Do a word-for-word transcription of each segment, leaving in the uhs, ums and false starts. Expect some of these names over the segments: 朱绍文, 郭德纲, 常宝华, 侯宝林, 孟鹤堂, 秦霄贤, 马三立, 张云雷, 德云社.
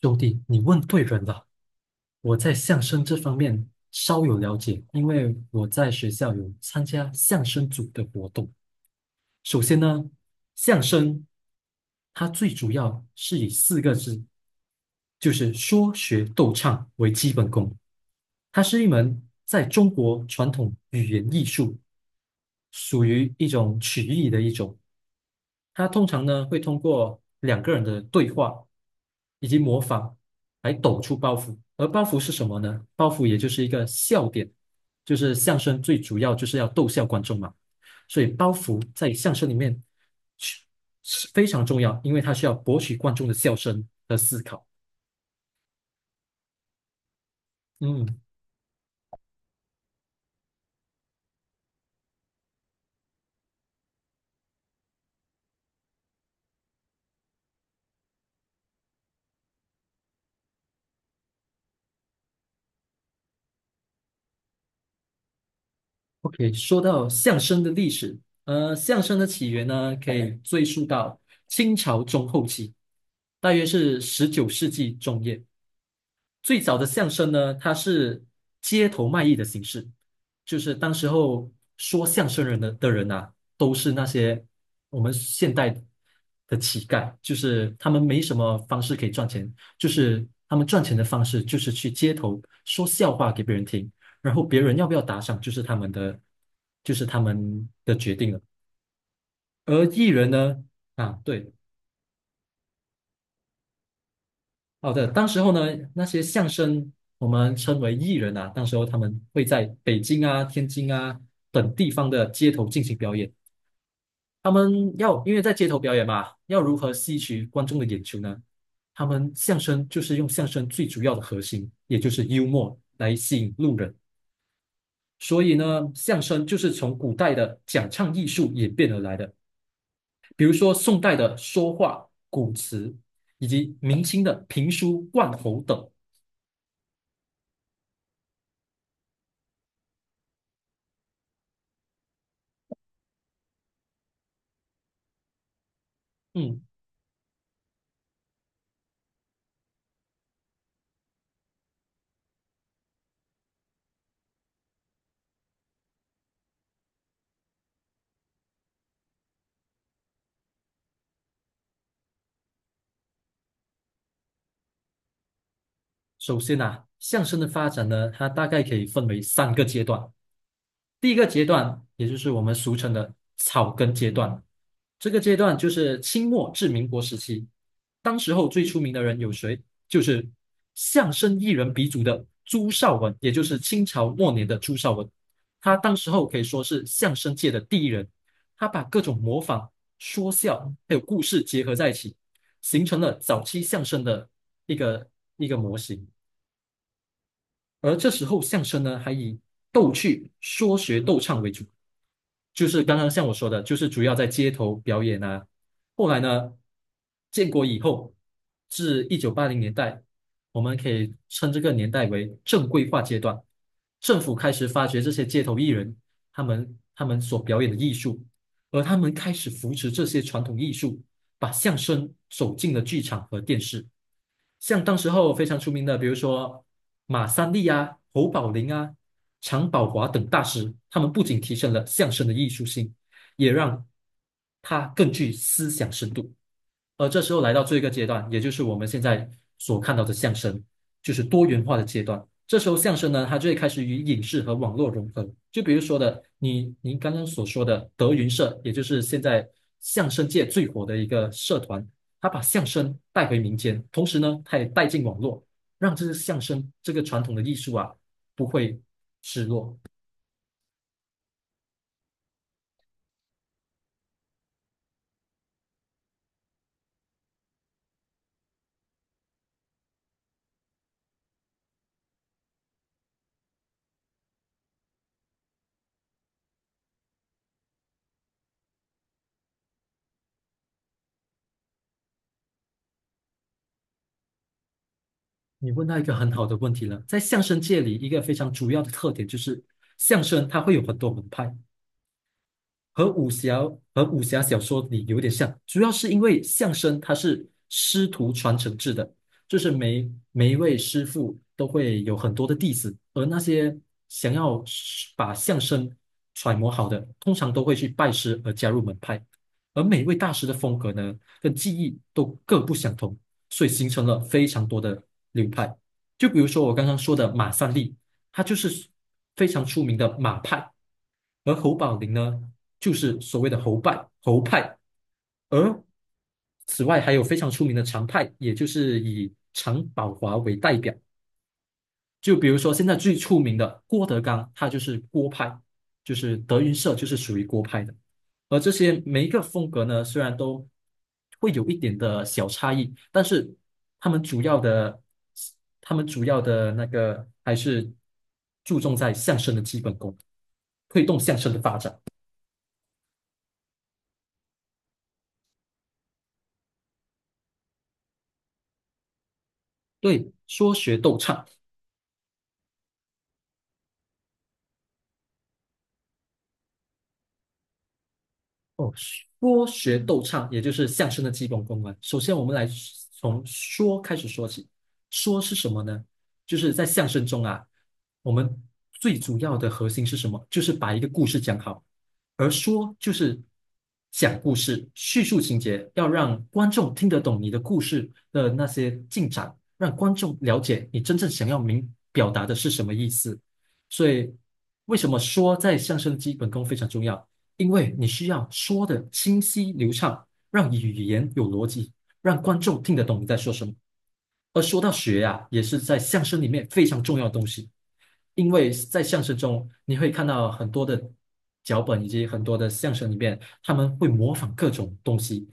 兄弟，你问对人了。我在相声这方面稍有了解，因为我在学校有参加相声组的活动。首先呢，相声它最主要是以四个字，就是说学逗唱为基本功。它是一门在中国传统语言艺术，属于一种曲艺的一种。它通常呢会通过两个人的对话以及模仿来抖出包袱。而包袱是什么呢？包袱也就是一个笑点，就是相声最主要就是要逗笑观众嘛。所以包袱在相声里面是是非常重要，因为它需要博取观众的笑声和思考。嗯，OK,说到相声的历史，呃，相声的起源呢，可以追溯到清朝中后期，大约是十九世纪中叶。最早的相声呢，它是街头卖艺的形式，就是当时候说相声人的的人啊，都是那些我们现代的乞丐，就是他们没什么方式可以赚钱，就是他们赚钱的方式就是去街头说笑话给别人听，然后别人要不要打赏就是他们的，就是他们的决定了。而艺人呢，啊，对。好的，当时候呢，那些相声我们称为艺人啊，当时候他们会在北京啊、天津啊等地方的街头进行表演。他们要因为在街头表演嘛，要如何吸取观众的眼球呢？他们相声就是用相声最主要的核心，也就是幽默来吸引路人。所以呢，相声就是从古代的讲唱艺术演变而来的，比如说宋代的说话、古词，以及明清的评书、贯喉等。嗯。首先呐，相声的发展呢，它大概可以分为三个阶段。第一个阶段，也就是我们俗称的草根阶段，这个阶段就是清末至民国时期。当时候最出名的人有谁？就是相声艺人鼻祖的朱绍文，也就是清朝末年的朱绍文。他当时候可以说是相声界的第一人，他把各种模仿、说笑还有故事结合在一起，形成了早期相声的一个一个模型。而这时候相声呢，还以逗趣、说学逗唱为主，就是刚刚像我说的，就是主要在街头表演啊。后来呢，建国以后至一九八零年代，我们可以称这个年代为正规化阶段。政府开始发掘这些街头艺人，他们他们所表演的艺术，而他们开始扶持这些传统艺术，把相声走进了剧场和电视。像当时候非常出名的，比如说马三立啊、侯宝林啊、常宝华等大师，他们不仅提升了相声的艺术性，也让它更具思想深度。而这时候来到这一个阶段，也就是我们现在所看到的相声，就是多元化的阶段。这时候相声呢，它就会开始与影视和网络融合。就比如说的，你您刚刚所说的德云社，也就是现在相声界最火的一个社团，它把相声带回民间，同时呢，它也带进网络，让这个相声这个传统的艺术啊，不会失落。你问到一个很好的问题了，在相声界里，一个非常主要的特点就是相声它会有很多门派。和武侠和武侠小说里有点像，主要是因为相声它是师徒传承制的，就是每每一位师傅都会有很多的弟子，而那些想要是把相声揣摩好的，通常都会去拜师而加入门派，而每一位大师的风格呢，跟技艺都各不相同，所以形成了非常多的流派。就比如说我刚刚说的马三立，他就是非常出名的马派。而侯宝林呢？就是所谓的侯派。侯派，而此外还有非常出名的常派，也就是以常宝华为代表。就比如说现在最出名的郭德纲，他就是郭派，就是德云社就是属于郭派的。而这些每一个风格呢，虽然都会有一点的小差异，但是他们主要的，他们主要的那个还是注重在相声的基本功，推动相声的发展。对，说学逗唱。哦，说学逗唱，也就是相声的基本功啊。首先，我们来从说开始说起。说是什么呢？就是在相声中啊，我们最主要的核心是什么？就是把一个故事讲好。而说就是讲故事，叙述情节，要让观众听得懂你的故事的那些进展，让观众了解你真正想要明表达的是什么意思。所以，为什么说在相声的基本功非常重要？因为你需要说的清晰流畅，让语言有逻辑，让观众听得懂你在说什么。而说到学呀、也是在相声里面非常重要的东西，因为在相声中你会看到很多的脚本以及很多的相声里面，他们会模仿各种东西，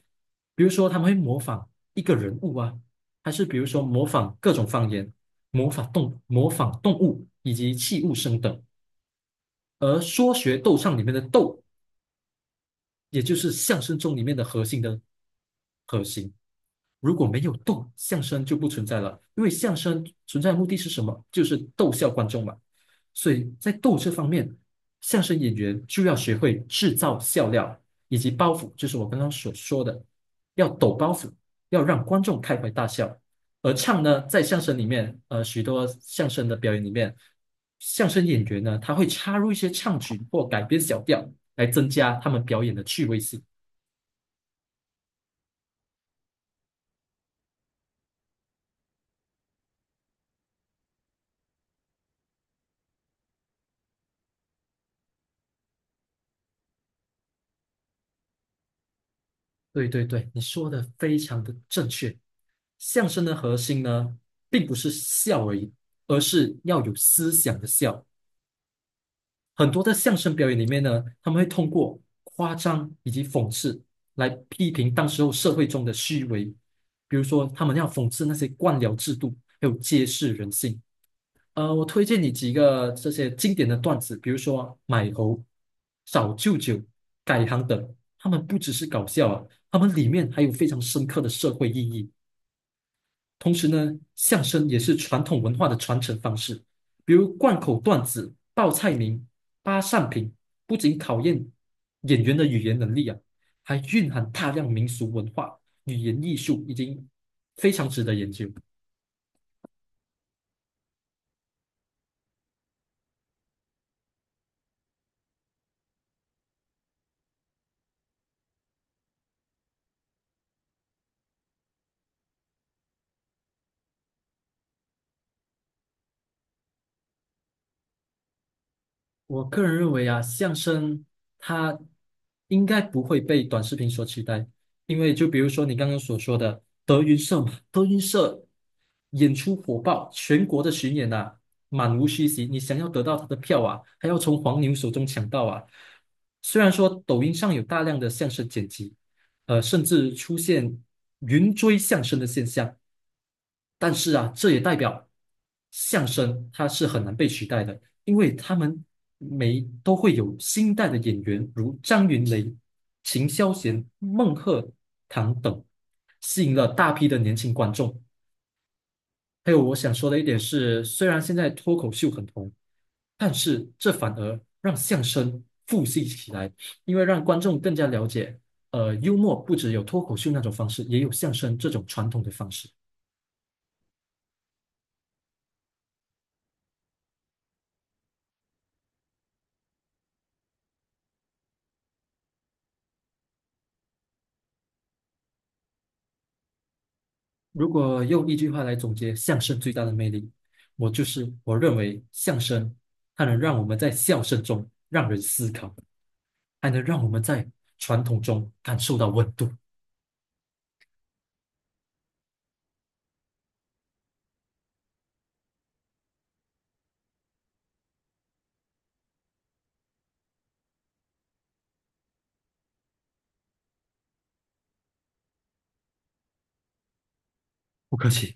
比如说他们会模仿一个人物啊，还是比如说模仿各种方言，模仿动模仿动物以及器物声等。而说学逗唱里面的逗也就是相声中里面的核心的核心。如果没有逗，相声就不存在了，因为相声存在的目的是什么？就是逗笑观众嘛。所以在逗这方面，相声演员就要学会制造笑料以及包袱，就是我刚刚所说的，要抖包袱，要让观众开怀大笑。而唱呢，在相声里面，呃，许多相声的表演里面，相声演员呢，他会插入一些唱曲或改编小调，来增加他们表演的趣味性。对对对，你说的非常的正确。相声的核心呢，并不是笑而已，而是要有思想的笑。很多的相声表演里面呢，他们会通过夸张以及讽刺来批评当时候社会中的虚伪，比如说他们要讽刺那些官僚制度，还有揭示人性。呃，我推荐你几个这些经典的段子，比如说买猴、找舅舅、改行等，他们不只是搞笑啊，他们里面还有非常深刻的社会意义。同时呢，相声也是传统文化的传承方式，比如贯口段子、报菜名、扒扇屏，不仅考验演员的语言能力啊，还蕴含大量民俗文化、语言艺术，已经非常值得研究。我个人认为啊，相声它应该不会被短视频所取代，因为就比如说你刚刚所说的德云社嘛，德云社演出火爆，全国的巡演啊，满无虚席。你想要得到他的票啊，还要从黄牛手中抢到啊。虽然说抖音上有大量的相声剪辑，呃，甚至出现云追相声的现象，但是啊，这也代表相声它是很难被取代的，因为他们每都会有新代的演员，如张云雷、秦霄贤、孟鹤堂等，吸引了大批的年轻观众。还有我想说的一点是，虽然现在脱口秀很红，但是这反而让相声复兴起来，因为让观众更加了解，呃，幽默不只有脱口秀那种方式，也有相声这种传统的方式。如果用一句话来总结相声最大的魅力，我就是我认为相声它能让我们在笑声中让人思考，还能让我们在传统中感受到温度。不客气。